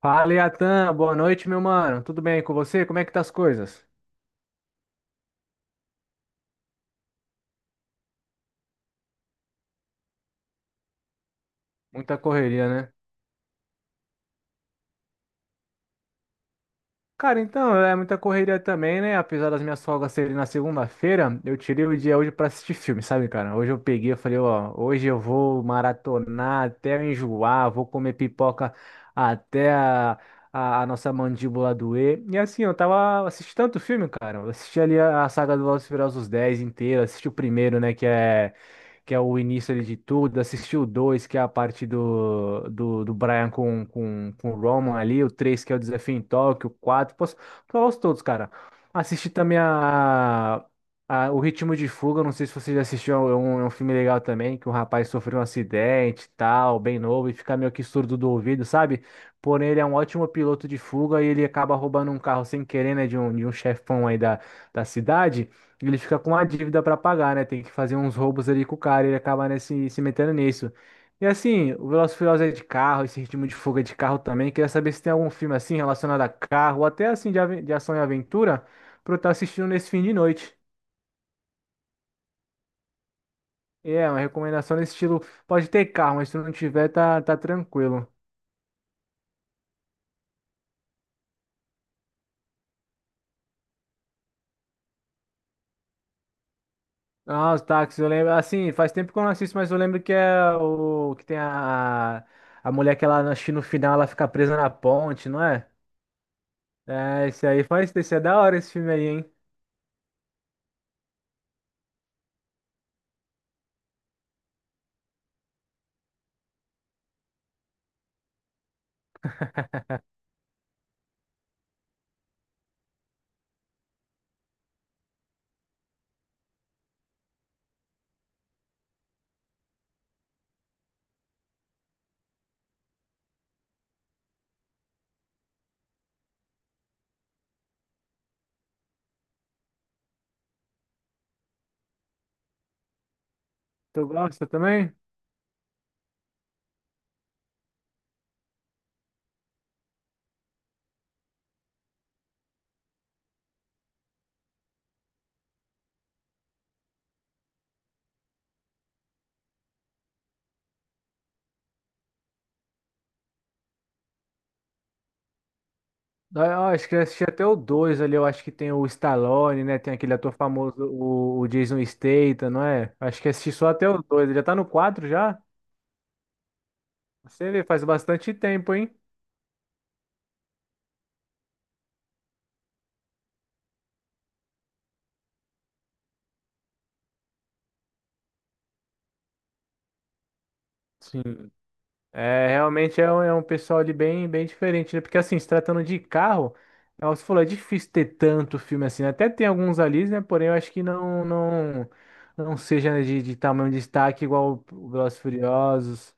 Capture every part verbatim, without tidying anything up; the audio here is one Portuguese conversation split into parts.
Fala, Yatan. Boa noite, meu mano. Tudo bem com você? Como é que tá as coisas? Muita correria, né? Cara, então, é muita correria também, né? Apesar das minhas folgas serem na segunda-feira, eu tirei o dia hoje pra assistir filme, sabe, cara? Hoje eu peguei, eu falei, ó, hoje eu vou maratonar até eu enjoar, vou comer pipoca até a, a, a nossa mandíbula doer. E assim, eu tava assistindo tanto filme, cara. Eu assisti ali a, a saga do Velozes e Furiosos Dez inteira, assisti o primeiro, né, que é que é o início ali de tudo, assisti o dois, que é a parte do, do, do Brian com, com, com o Roman ali, o três que é o desafio em Tóquio, o quatro posso falar os todos, cara. Assisti também a, a, O Ritmo de Fuga, não sei se você já assistiu, é um, é um filme legal também, que um rapaz sofreu um acidente e tal, bem novo, e fica meio que surdo do ouvido, sabe? Porém, ele é um ótimo piloto de fuga e ele acaba roubando um carro sem querer, né, de um, de um chefão aí da, da cidade. Ele fica com uma dívida para pagar, né? Tem que fazer uns roubos ali com o cara, e ele acaba, né, se, se metendo nisso. E assim, o Velozes e Furiosos é de carro, esse ritmo de fuga é de carro também. Queria saber se tem algum filme assim relacionado a carro, ou até assim de, aven- de ação e aventura, pra eu estar assistindo nesse fim de noite. E É, uma recomendação nesse estilo. Pode ter carro, mas se não tiver, tá, tá tranquilo. Ah, os táxis, eu lembro. Assim, faz tempo que eu não assisto, mas eu lembro que é o que tem a, a mulher que ela, acho que no final ela fica presa na ponte, não é? É, esse aí faz, esse é da hora esse filme aí, hein? Tu gosta também? Ah, acho que eu assisti até o dois ali, eu acho que tem o Stallone, né? Tem aquele ator famoso, o, o Jason Statham, não é? Acho que assisti só até o dois, já tá no quatro já? Você vê, faz bastante tempo, hein? Sim. É, realmente é um, é um pessoal ali bem, bem diferente, né? Porque assim, se tratando de carro, é, você falou, é difícil ter tanto filme assim, né? Até tem alguns ali, né? Porém, eu acho que não, não, não seja né, de, de tamanho de destaque igual o Velozes e Furiosos.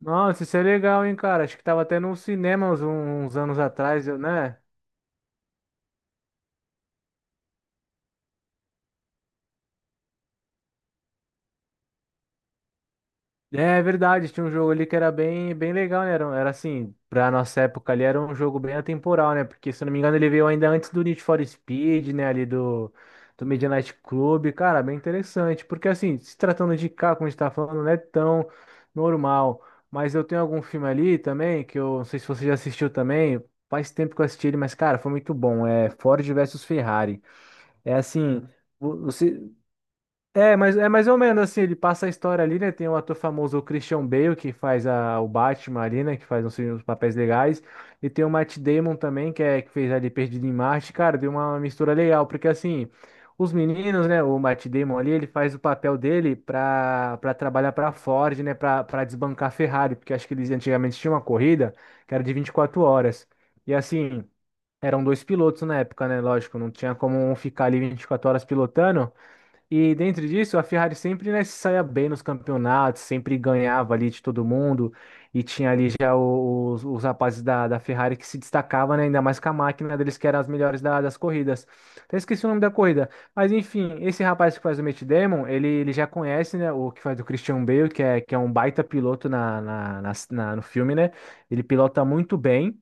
Nossa, isso é legal, hein, cara? Acho que tava até num cinema uns, uns anos atrás, eu- né? É, é verdade, tinha um jogo ali que era bem, bem legal, né? Era, um- era assim, pra nossa época ali, era um jogo bem atemporal, né? Porque, se eu não me engano, ele veio ainda antes do Need for Speed, né? Ali do, do Midnight Club. Cara, bem interessante. Porque, assim, se tratando de carro como a gente tá falando, não é tão normal. Mas eu tenho algum filme ali também, que eu não sei se você já assistiu também. Faz tempo que eu assisti ele, mas, cara, foi muito bom. É Ford versus Ferrari. É assim, vo- você é, mas é mais ou menos assim, ele passa a história ali, né? Tem um ator famoso, o Christian Bale, que faz a- o Batman ali, né, que faz uns, uns papéis legais, e tem o Matt Damon também, que é que fez ali Perdido em Marte, cara, deu uma mistura legal, porque assim, os meninos, né, o Matt Damon ali, ele faz o papel dele pra, pra trabalhar pra Ford, né, pra, pra desbancar a Ferrari, porque acho que eles antigamente tinham uma corrida que era de vinte e quatro horas. E assim, eram dois pilotos na época, né? Lógico, não tinha como um ficar ali vinte e quatro horas pilotando. E dentro disso, a Ferrari sempre, né, se saía bem nos campeonatos, sempre ganhava ali de todo mundo. E tinha ali já o- os, os rapazes da, da Ferrari que se destacavam, né, ainda mais com a máquina deles, que eram as melhores da- das corridas. Até esqueci o nome da corrida. Mas enfim, esse rapaz que faz o Matt Damon, ele, ele já conhece, né, o que faz o Christian Bale, que é, que é um baita piloto na, na, na- na- no filme, né? Ele pilota muito bem.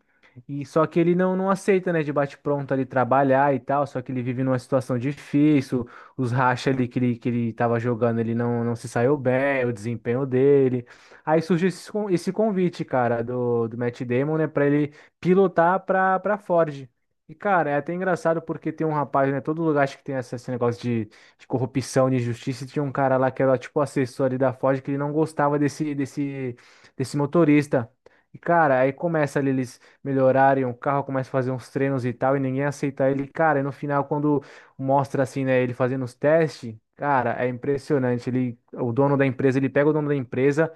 E só que ele não, não aceita, né, de bate-pronto ali trabalhar e tal, só que ele vive numa situação difícil os racha ali que ele, que ele tava jogando, ele não, não se saiu bem, o desempenho dele. Aí surge esse, con- esse convite, cara, do, do Matt Damon, né, pra ele pilotar pra, pra Ford. E, cara, é até engraçado porque tem um rapaz, né? Todo lugar acho que tem essa- esse negócio de, de corrupção, de injustiça. E tinha um cara lá que era tipo assessor ali da Ford que ele não gostava desse, desse, desse motorista. E, cara, aí começa ali eles melhorarem o carro, começa a fazer uns treinos e tal, e ninguém aceita ele. Cara, e no final, quando mostra assim, né, ele fazendo os testes, cara, é impressionante. Ele, o dono da empresa, ele pega o dono da empresa,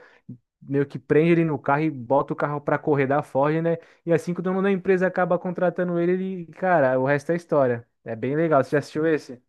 meio que prende ele no carro e bota o carro pra correr da Ford, né? E assim que o dono da empresa acaba contratando ele, ele, cara, o resto é história. É bem legal. Você já assistiu esse?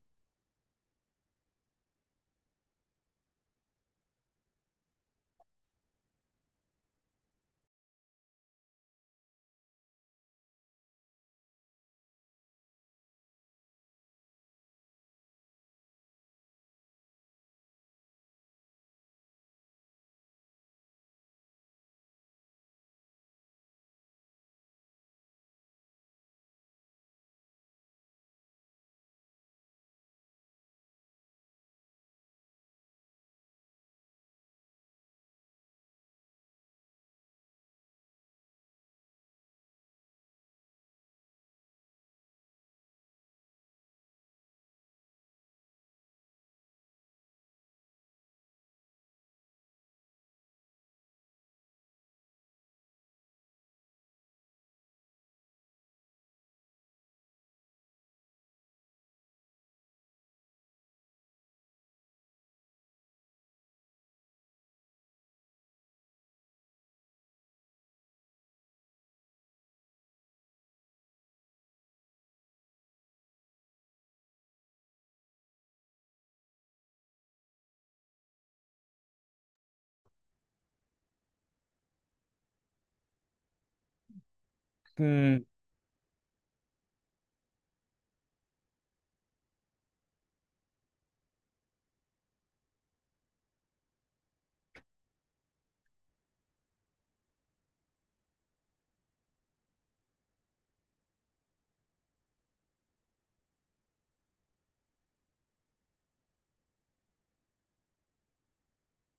Hum,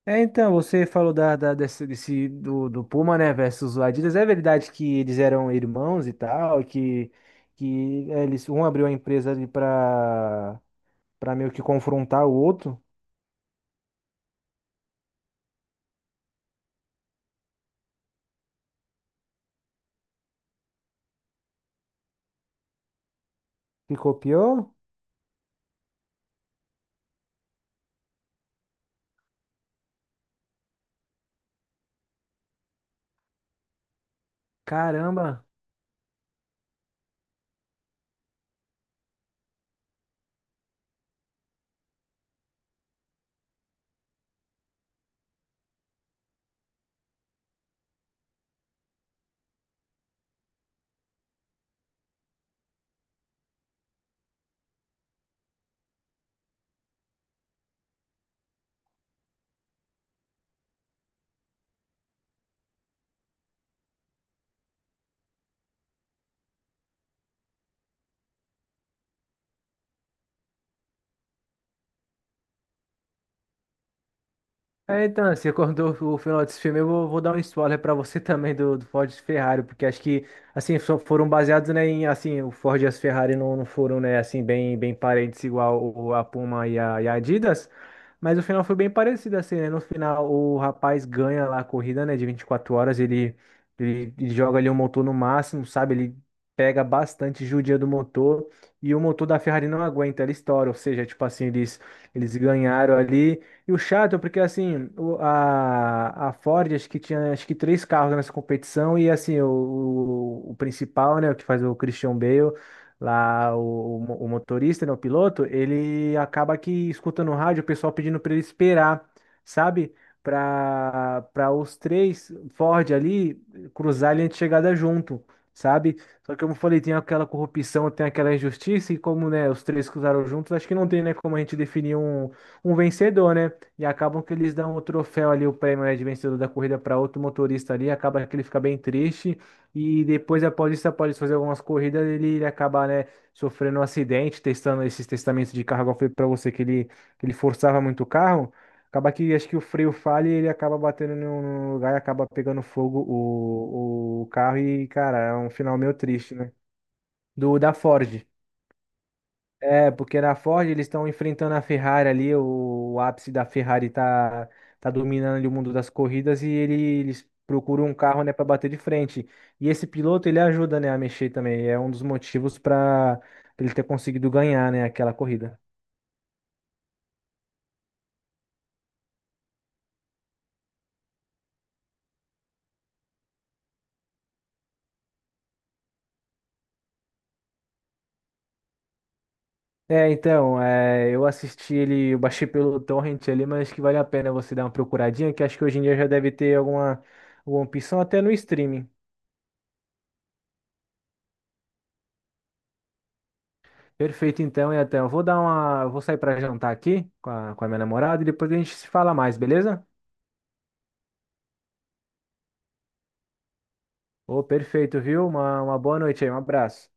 É, então, você falou da, da- desse, desse- do, do Puma, né, versus o Adidas. É verdade que eles eram irmãos e tal, que, que é, eles, um abriu a empresa ali para para meio que confrontar o outro que copiou? Caramba! É, então, você acordou o final desse filme, eu vou, vou dar um spoiler pra você também do, do Ford e Ferrari, porque acho que, assim, só foram baseados, né, em, assim, o Ford e as Ferrari não, não foram, né, assim, bem, bem parentes igual o, a Puma e a, e a Adidas, mas o final foi bem parecido, assim, né, no final o rapaz ganha lá a corrida, né, de vinte e quatro horas, ele, ele, ele joga ali o motor no máximo, sabe, ele pega bastante judia do motor, e o motor da Ferrari não aguenta, ele estoura, ou seja, tipo assim, eles, eles ganharam ali, e o chato é porque, assim, o- a, a Ford, acho que tinha acho que três carros nessa competição, e, assim, o, o, o principal, né, o que faz o Christian Bale, lá, o, o mo- o motorista, né, o piloto, ele acaba que escutando no rádio o pessoal pedindo para ele esperar, sabe? Para para os três Ford ali cruzar a linha de chegada junto, sabe? Só que, como eu falei, tem aquela corrupção, tem aquela injustiça, e como, né, os três cruzaram juntos, acho que não tem, né, como a gente definir um um vencedor, né? E acabam que eles dão o troféu ali, o prêmio, né, de vencedor da corrida para outro motorista ali, acaba que ele fica bem triste e depois após isso, após fazer algumas corridas, ele, ele acaba, né, sofrendo um acidente, testando esses testamentos de carro, igual eu falei para você que ele, que ele forçava muito o carro, acaba que acho que o freio falha e ele acaba batendo em um lugar e acaba pegando fogo o, o carro e, cara, é um final meio triste, né? Do da Ford. É, porque na Ford eles estão enfrentando a Ferrari ali, o, o ápice da Ferrari tá, tá dominando ali o mundo das corridas e ele- eles procuram um carro, né, para bater de frente. E esse piloto, ele ajuda, né, a mexer também, é um dos motivos para ele ter conseguido ganhar, né, aquela corrida. É, então, é, eu assisti ele, eu baixei pelo torrent ali, mas acho que vale a pena você dar uma procuradinha, que acho que hoje em dia já deve ter alguma, alguma opção até no streaming. Perfeito, então, e até eu vou dar uma, eu vou sair para jantar aqui com a, com a minha namorada e depois a gente se fala mais, beleza? Ô, perfeito, viu? Uma, uma boa noite aí, um abraço.